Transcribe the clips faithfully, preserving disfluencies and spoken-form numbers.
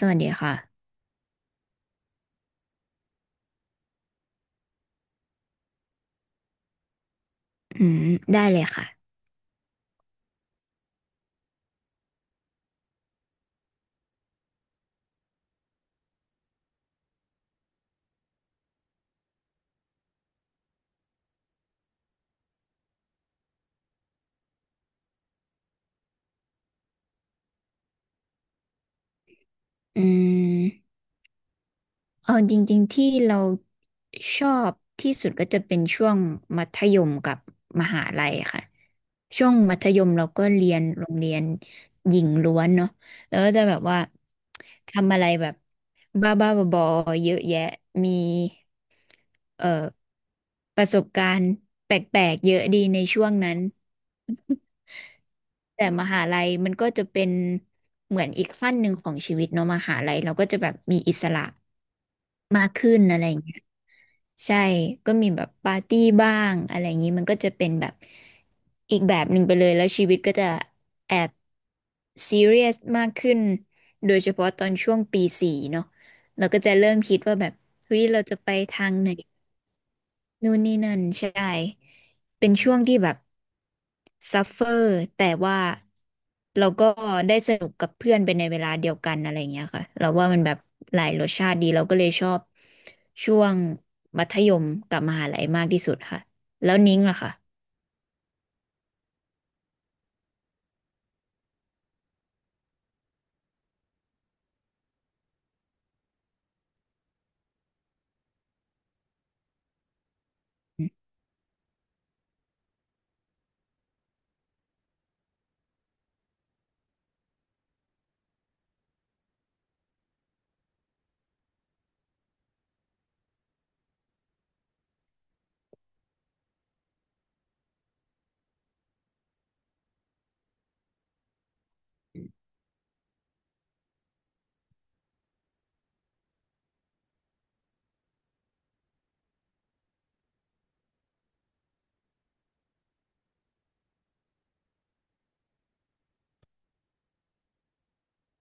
สวัสดีค่ะอืมได้เลยค่ะอืมเอาจริงๆ ที่เราชอบที่สุดก็จะเป็นช่วงมัธยมกับมหาลัยค่ะ ช่วงมัธยมเราก็เรียนโรงเรียนหญิงล้วนเนาะแล้วก็จะแบบว่าทำอะไรแบบบ้าบ้าบอๆเยอะแยะมีเอ่อประสบการณ์แปลกๆ เยอะดีในช่วงนั้น แต่มหาลัยมันก็จะเป็นเหมือนอีกขั้นหนึ่งของชีวิตเนาะมหาลัยเราก็จะแบบมีอิสระมากขึ้นอะไรอย่างเงี้ยใช่ก็มีแบบปาร์ตี้บ้างอะไรอย่างงี้มันก็จะเป็นแบบอีกแบบหนึ่งไปเลยแล้วชีวิตก็จะแอบซีเรียสมากขึ้นโดยเฉพาะตอนช่วงปีสี่เนาะเราก็จะเริ่มคิดว่าแบบเฮ้ยเราจะไปทางไหน นู่นนี่นั่นใช่ เป็นช่วงที่แบบซัฟเฟอร์แต่ว่าเราก็ได้สนุกกับเพื่อนไปในเวลาเดียวกันอะไรอย่างเงี้ยค่ะเราว่ามันแบบหลายรสชาติดีเราก็เลยชอบช่วงมัธยมกับมหาลัยมากที่สุดค่ะแล้วนิ้งล่ะค่ะ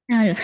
น่าเหรอ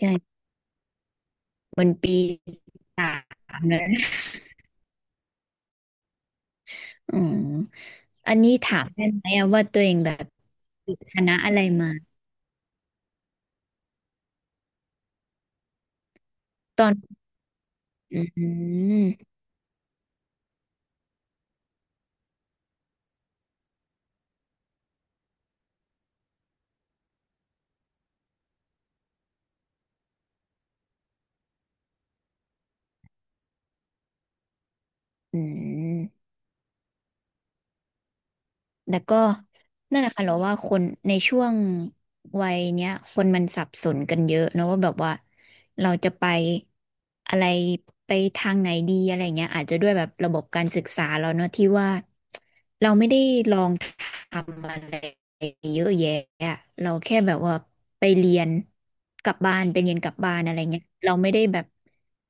ใช่มันปีสามแล้วนะอืมอันนี้ถามได้ไหมอะว่าตัวเองแบบติดคณะอะไรมาตอนอืมอืม แต่ก็นั่นแหละค่ะเราว่าคนในช่วงวัยเนี้ยคนมันสับสนกันเยอะเนอะว่าแบบว่าเราจะไปอะไรไปทางไหนดีอะไรเงี้ยอาจจะด้วยแบบระบบการศึกษาเราเนอะที่ว่า ทำอะไรเยอะแยะอะเราแค่แบบว่าไปเรียนกลับบ้านไปเรียนกลับบ้านอะไรเงี้ยเราไม่ได้แบบ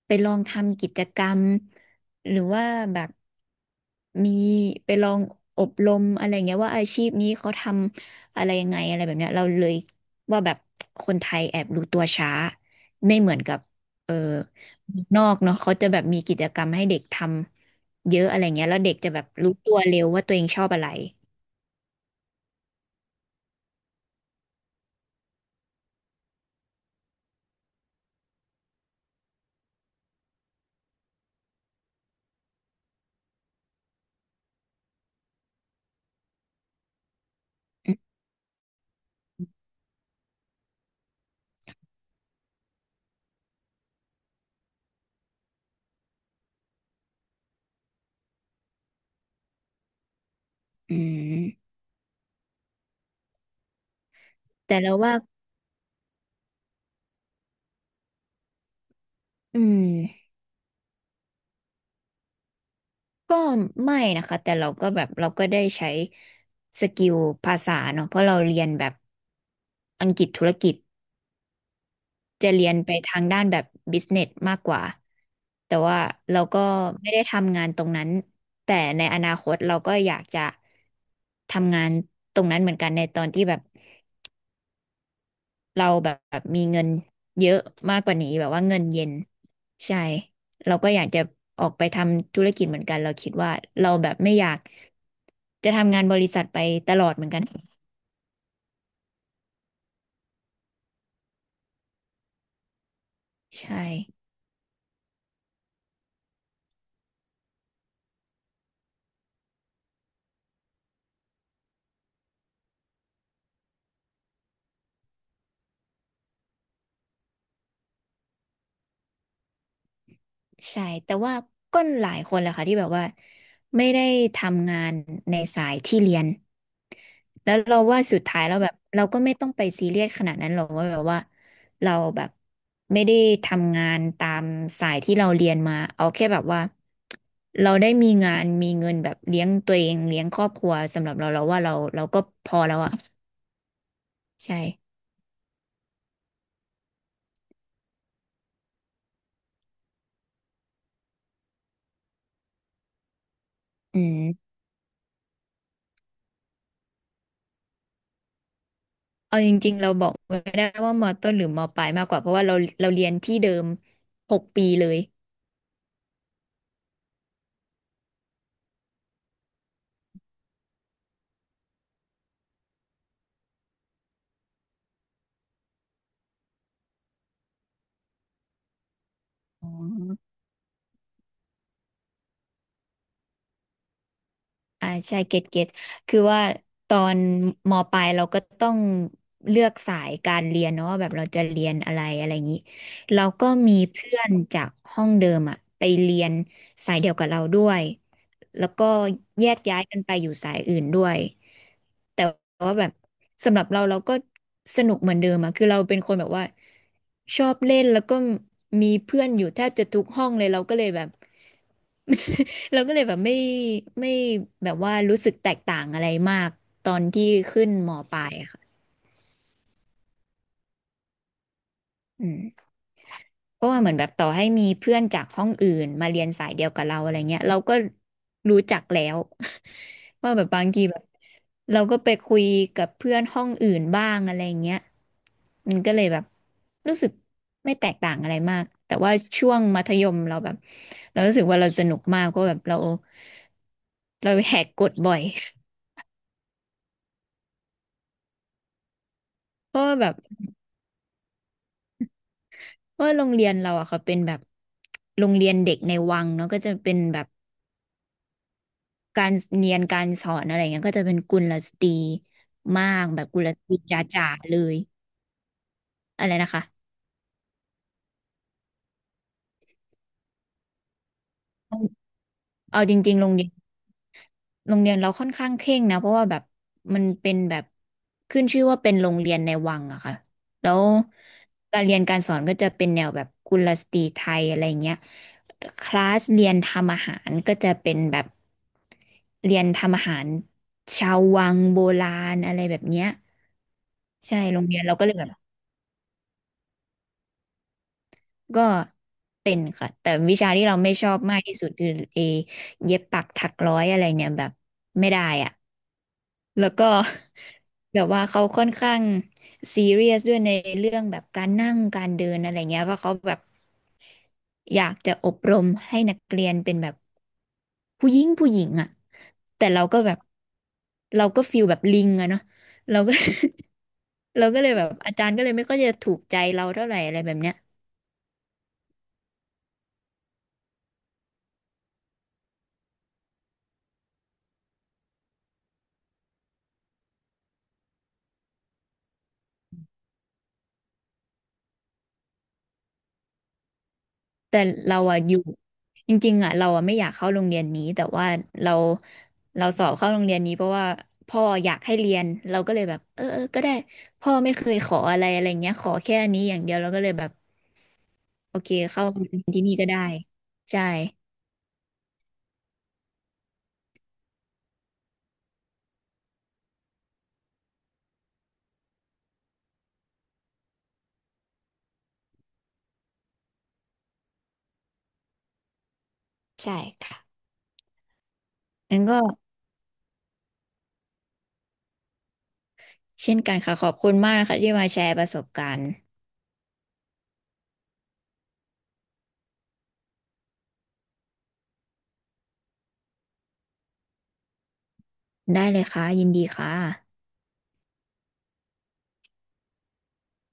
ไปลองทำกิจกรรมหรือว่าแบบมีไปลองอบรมอะไรเงี้ยว่าอาชีพนี้เขาทำอะไรยังไงอะไรแบบเนี้ยเราเลยว่าแบบคนไทยแอบรู้ตัวช้าไม่เหมือนกับเออนอกเนาะเขาจะแบบมีกิจกรรมให้เด็กทำเยอะอะไรเงี้ยแล้วเด็กจะแบบรู้ตัวเร็วว่าตัวเองชอบอะไร อืมแต่เราว่าอืมก็ไม่นะคะแต่เราก็แบบเราก็ได้ใช้สกิลภาษาเนอะเพราะเราเรียนแบบอังกฤษธุรกิจจะเรียนไปทางด้านแบบบิสเนสมากกว่าแต่ว่าเราก็ไม่ได้ทำงานตรงนั้นแต่ในอนาคตเราก็อยากจะทำงานตรงนั้นเหมือนกันในตอนที่แบบ เราแบบแบบมีเงินเยอะมากกว่านี้แบบว่าเงินเย็นใช่เราก็อยากจะออกไปทำธุรกิจเหมือนกันเราคิดว่าเราแบบไม่อยากจะทำงานบริษัทไปตลอดเหมือนกันใช่ใช่แต่ว่าก็หลายคนแหละค่ะที่แบบว่าไม่ได้ทำงานในสายที่เรียน แล้วเราว่าสุดท้ายเราแบบเราก็ไม่ต้องไปซีเรียสขนาดนั้นหรอกว่าแบบว่าเราแบบไม่ได้ทำงานตามสายที่เราเรียนมาเอาแค่แบบว่าเราได้มีงานมีเงินแบบเลี้ยงตัวเองเลี้ยงครอบครัวสำหรับเราเราว่าเราเราก็พอแล้วอะใช่อืมเอาจริงๆเราบอกไม่ได้ว่ามอต้นหรือมอปลายมากกว่าเพราะว่าเราเราเรียนที่เดิมหกปีเลยอ๋อ อ่าใช่เก็ตเก็ตคือว่าตอนมปลายเราก็ต้องเลือกสายการเรียนเนาะว่าแบบเราจะเรียนอะไรอะไรอย่างนี้เราก็มีเพื่อนจากห้องเดิมอะไปเรียนสายเดียวกับเราด้วย แล้วก็แยกย้ายกันไปอยู่สายอื่นด้วยแต่ว่าแบบสำหรับเราเราก็สนุกเหมือนเดิมอะคือเราเป็นคนแบบว่าชอบเล่นแล้วก็มีเพื่อนอยู่แทบจะทุกห้องเลยเราก็เลยแบบ เราก็เลยแบบไม่ไม่แบบว่ารู้สึกแตกต่างอะไรมากตอนที่ขึ้นมปลายอะค่ะอืม เพราะว่าเหมือนแบบต่อให้มีเพื่อนจากห้องอื่นมาเรียนสายเดียวกับเราอะไรเงี้ยเราก็รู้จักแล้ว ว่าแบบบางทีแบบเราก็ไปคุยกับเพื่อนห้องอื่นบ้างอะไรเงี้ยมันก็เลยแบบรู้สึกไม่แตกต่างอะไรมากแต่ว่าช่วงมัธยมเราแบบเรารู้สึกว่าเราสนุกมากเพราะแบบเราเราแหกกฎบ่อย เพราะว่าแบบเพราะว่าโรงเรียนเราอะเขาเป็นแบบโรงเรียนเด็กในวังเนาะก็จะเป็นแบบ การเรียนการสอนอะไรเงี้ยก็จะเป็นกุลสตรีมากแบบกุลสตรีจ๋าๆเลยอะไรนะคะเอาจริงๆโรงเรียนโรงเรียนเราค่อนข้างเคร่งนะเพราะว่าแบบมันเป็นแบบขึ้นชื่อว่าเป็นโรงเรียนในวังอะค่ะแล้วการเรียนการสอนก็จะเป็นแนวแบบกุลสตรีไทยอะไรเงี้ยคลาสเรียนทำอาหารก็จะเป็นแบบเรียนทำอาหารชาววังโบราณอะไรแบบเนี้ยใช่โรงเรียนเราก็เลยแบบ ก็เป็นค่ะแต่วิชาที่เราไม่ชอบมากที่สุดคือเอเย็บปักถักร้อยอะไรเนี่ยแบบไม่ได้อ่ะแล้วก็ แบบว่าเขาค่อนข้างซีเรียสด้วยในเรื่องแบบการนั่งการเดินอะไรเงี้ยเพราะเขาแบบอยากจะอบรมให้นักเรียนเป็นแบบผู้หญิงผู้หญิงอ่ะแต่เราก็แบบเราก็ฟีลแบบลิงอะเนาะเราก็ เราก็เลยแบบอาจารย์ก็เลยไม่ค่อยจะถูกใจเราเท่าไหร่อะไรแบบเนี้ย แต่เราอะอยู่จริงๆอะเราอะไม่อยากเข้าโรงเรียนนี้แต่ว่าเราเราสอบเข้าโรงเรียนนี้เพราะว่าพ่ออยากให้เรียนเราก็เลยแบบเออเออก็ได้พ่อไม่เคยขออะไรอะไรเงี้ยขอแค่อันนี้อย่างเดียวเราก็เลยแบบโอเคเข้าเรียนที่นี่ก็ได้ใช่ใช่ค่ะงั้นก็เช่นกันค่ะขอบคุณมากนะคะที่มาแชร์ประสบการณ์ได้เลยค่ะยินดีค่ะ